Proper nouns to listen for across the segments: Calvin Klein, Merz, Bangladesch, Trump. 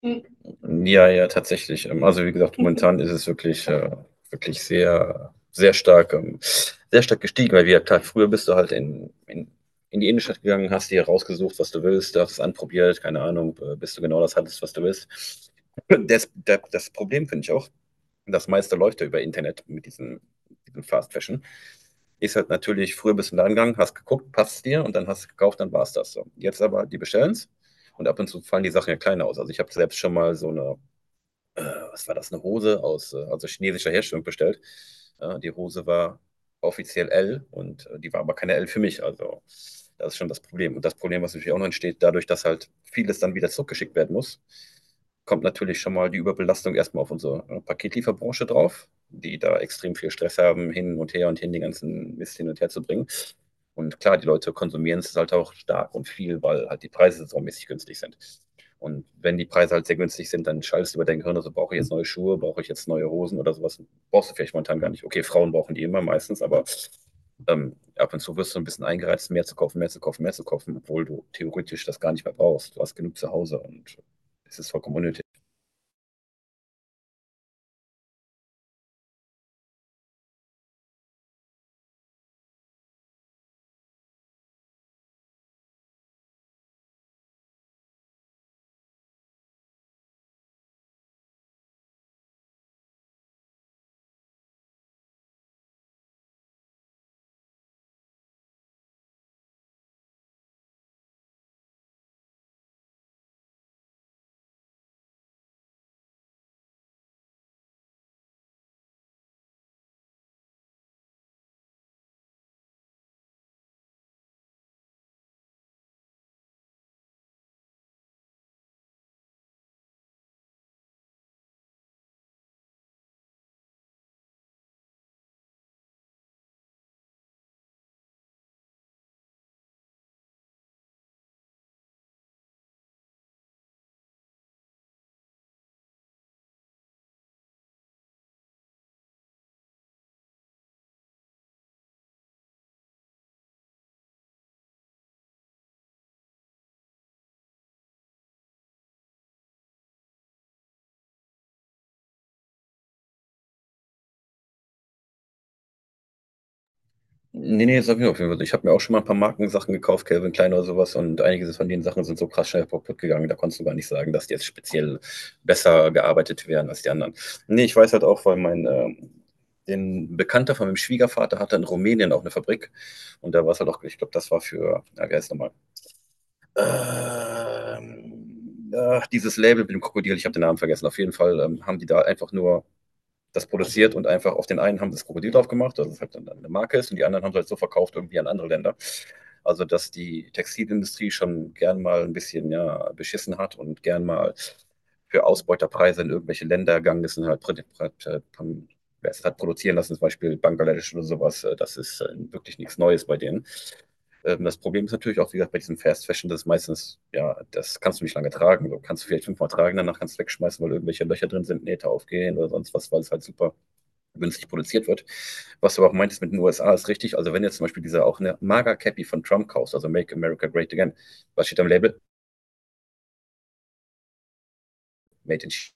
Mhm. Ja, ja, tatsächlich. Also, wie gesagt, momentan ist es wirklich, wirklich sehr stark gestiegen, weil, wie ja klar, früher bist du halt in die Innenstadt gegangen, hast dir rausgesucht, was du willst, hast es anprobiert, keine Ahnung, bis du genau das hattest, was du willst. Das Problem finde ich auch, das meiste läuft ja über Internet mit diesem Fast Fashion. Ist halt natürlich, früher bist du da gegangen, hast geguckt, passt dir und dann hast du gekauft, dann war es das so. Jetzt aber, die bestellen es und ab und zu fallen die Sachen ja kleiner aus. Also ich habe selbst schon mal so eine äh, was war das, eine Hose aus, also chinesischer Herstellung bestellt. Die Hose war offiziell L und die war aber keine L für mich. Also das ist schon das Problem. Und das Problem, was natürlich auch noch entsteht, dadurch, dass halt vieles dann wieder zurückgeschickt werden muss, kommt natürlich schon mal die Überbelastung erstmal auf unsere Paketlieferbranche drauf, die da extrem viel Stress haben, hin und her und hin den ganzen Mist hin und her zu bringen. Und klar, die Leute konsumieren es halt auch stark und viel, weil halt die Preise saumäßig günstig sind. Und wenn die Preise halt sehr günstig sind, dann schaltest du über dein Gehirn, also brauche ich jetzt neue Schuhe, brauche ich jetzt neue Hosen oder sowas. Brauchst du vielleicht momentan gar nicht. Okay, Frauen brauchen die immer meistens, aber ab und zu wirst du ein bisschen eingereizt, mehr zu kaufen, mehr zu kaufen, mehr zu kaufen, obwohl du theoretisch das gar nicht mehr brauchst. Du hast genug zu Hause und es ist vollkommen unnötig. Nee, nee, sag ich auf jeden Fall. Ich habe mir auch schon mal ein paar Markensachen gekauft, Calvin Klein oder sowas, und einige von den Sachen sind so krass schnell kaputt gegangen, da konntest du gar nicht sagen, dass die jetzt speziell besser gearbeitet werden als die anderen. Nee, ich weiß halt auch, weil den Bekannter von meinem Schwiegervater hatte in Rumänien auch eine Fabrik und da war es halt auch, ich glaube, das war für, ja, wie heißt es nochmal? Ach, dieses Label mit dem Krokodil, ich habe den Namen vergessen. Auf jeden Fall haben die da einfach nur das produziert und einfach auf den einen haben das Krokodil drauf gemacht, dass es halt dann eine Marke ist und die anderen haben es halt so verkauft irgendwie an andere Länder. Also dass die Textilindustrie schon gern mal ein bisschen ja, beschissen hat und gern mal für Ausbeuterpreise in irgendwelche Länder gegangen ist und halt, wer produzieren lassen, zum Beispiel Bangladesch oder sowas, das ist wirklich nichts Neues bei denen. Das Problem ist natürlich auch, wie gesagt, bei diesem Fast Fashion, das ist meistens, ja, das kannst du nicht lange tragen. Du kannst du vielleicht fünfmal tragen, danach kannst du wegschmeißen, weil irgendwelche Löcher drin sind, Nähte aufgehen oder sonst was, weil es halt super günstig produziert wird. Was du aber auch meintest mit den USA ist richtig. Also wenn jetzt zum Beispiel dieser auch eine Maga Cappy von Trump kaufst, also Make America Great Again, was steht am Label? Made in China.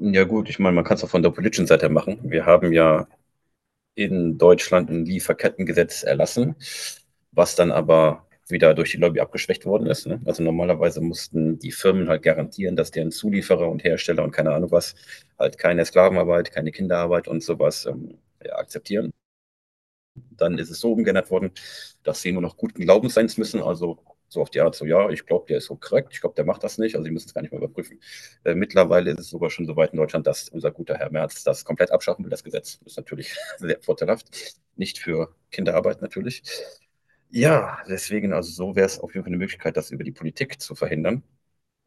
Ja gut, ich meine, man kann es auch von der politischen Seite machen. Wir haben ja in Deutschland ein Lieferkettengesetz erlassen, was dann aber wieder durch die Lobby abgeschwächt worden ist. Ne? Also normalerweise mussten die Firmen halt garantieren, dass deren Zulieferer und Hersteller und keine Ahnung was halt keine Sklavenarbeit, keine Kinderarbeit und sowas ja, akzeptieren. Dann ist es so umgeändert worden, dass sie nur noch guten Glaubens sein müssen. Also so auf die Art, so ja, ich glaube, der ist so korrekt, ich glaube, der macht das nicht, also sie müssen es gar nicht mehr überprüfen. Mittlerweile ist es sogar schon so weit in Deutschland, dass unser guter Herr Merz das komplett abschaffen will, das Gesetz. Ist natürlich sehr vorteilhaft. Nicht für Kinderarbeit natürlich. Ja, deswegen, also so wäre es auf jeden Fall eine Möglichkeit, das über die Politik zu verhindern.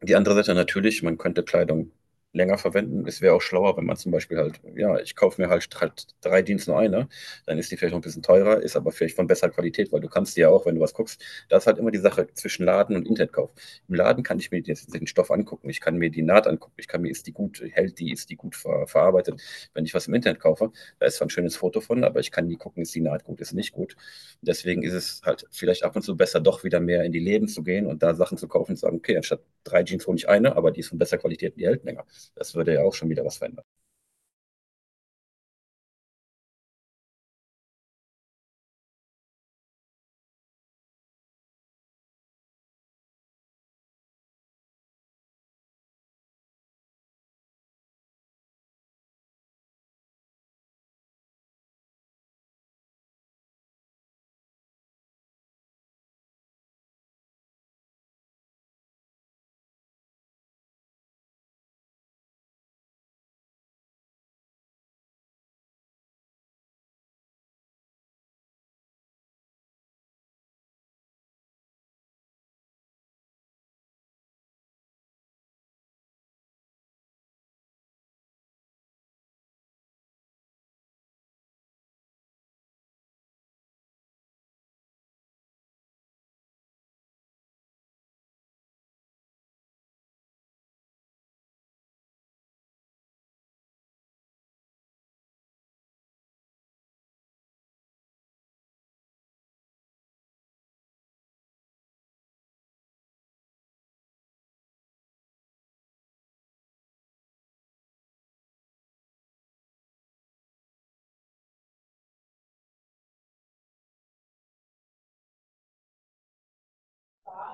Die andere Seite natürlich, man könnte Kleidung länger verwenden. Es wäre auch schlauer, wenn man zum Beispiel halt, ja, ich kaufe mir halt drei Jeans nur eine, dann ist die vielleicht noch ein bisschen teurer, ist aber vielleicht von besserer Qualität, weil du kannst die ja auch, wenn du was guckst, das ist halt immer die Sache zwischen Laden und Internetkauf. Im Laden kann ich mir jetzt den Stoff angucken, ich kann mir die Naht angucken, ich kann mir, ist die gut, hält die, ist die gut verarbeitet. Wenn ich was im Internet kaufe, da ist zwar ein schönes Foto von, aber ich kann nie gucken, ist die Naht gut, ist nicht gut. Deswegen ist es halt vielleicht ab und zu besser, doch wieder mehr in die Läden zu gehen und da Sachen zu kaufen und zu sagen, okay, anstatt drei Jeans hole ich eine, aber die ist von besser Qualität und die hält länger. Das würde ja auch schon wieder was verändern.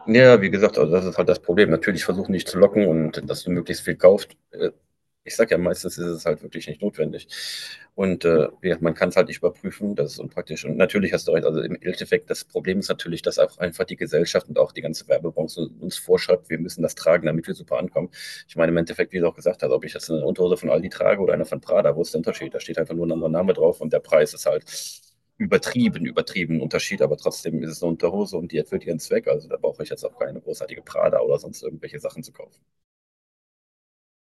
Ja, wie gesagt, also das ist halt das Problem. Natürlich versuchen nicht zu locken und dass du möglichst viel kaufst. Ich sage ja, meistens ist es halt wirklich nicht notwendig. Und man kann es halt nicht überprüfen, das ist unpraktisch. Und natürlich hast du recht, also im Endeffekt, das Problem ist natürlich, dass auch einfach die Gesellschaft und auch die ganze Werbebranche uns vorschreibt, wir müssen das tragen, damit wir super ankommen. Ich meine, im Endeffekt, wie du auch gesagt hast, ob ich jetzt eine Unterhose von Aldi trage oder eine von Prada, wo ist der Unterschied? Da steht einfach nur ein anderer Name drauf und der Preis ist halt übertrieben Unterschied, aber trotzdem ist es eine Unterhose und die erfüllt ihren Zweck. Also da brauche ich jetzt auch keine großartige Prada oder sonst irgendwelche Sachen zu kaufen.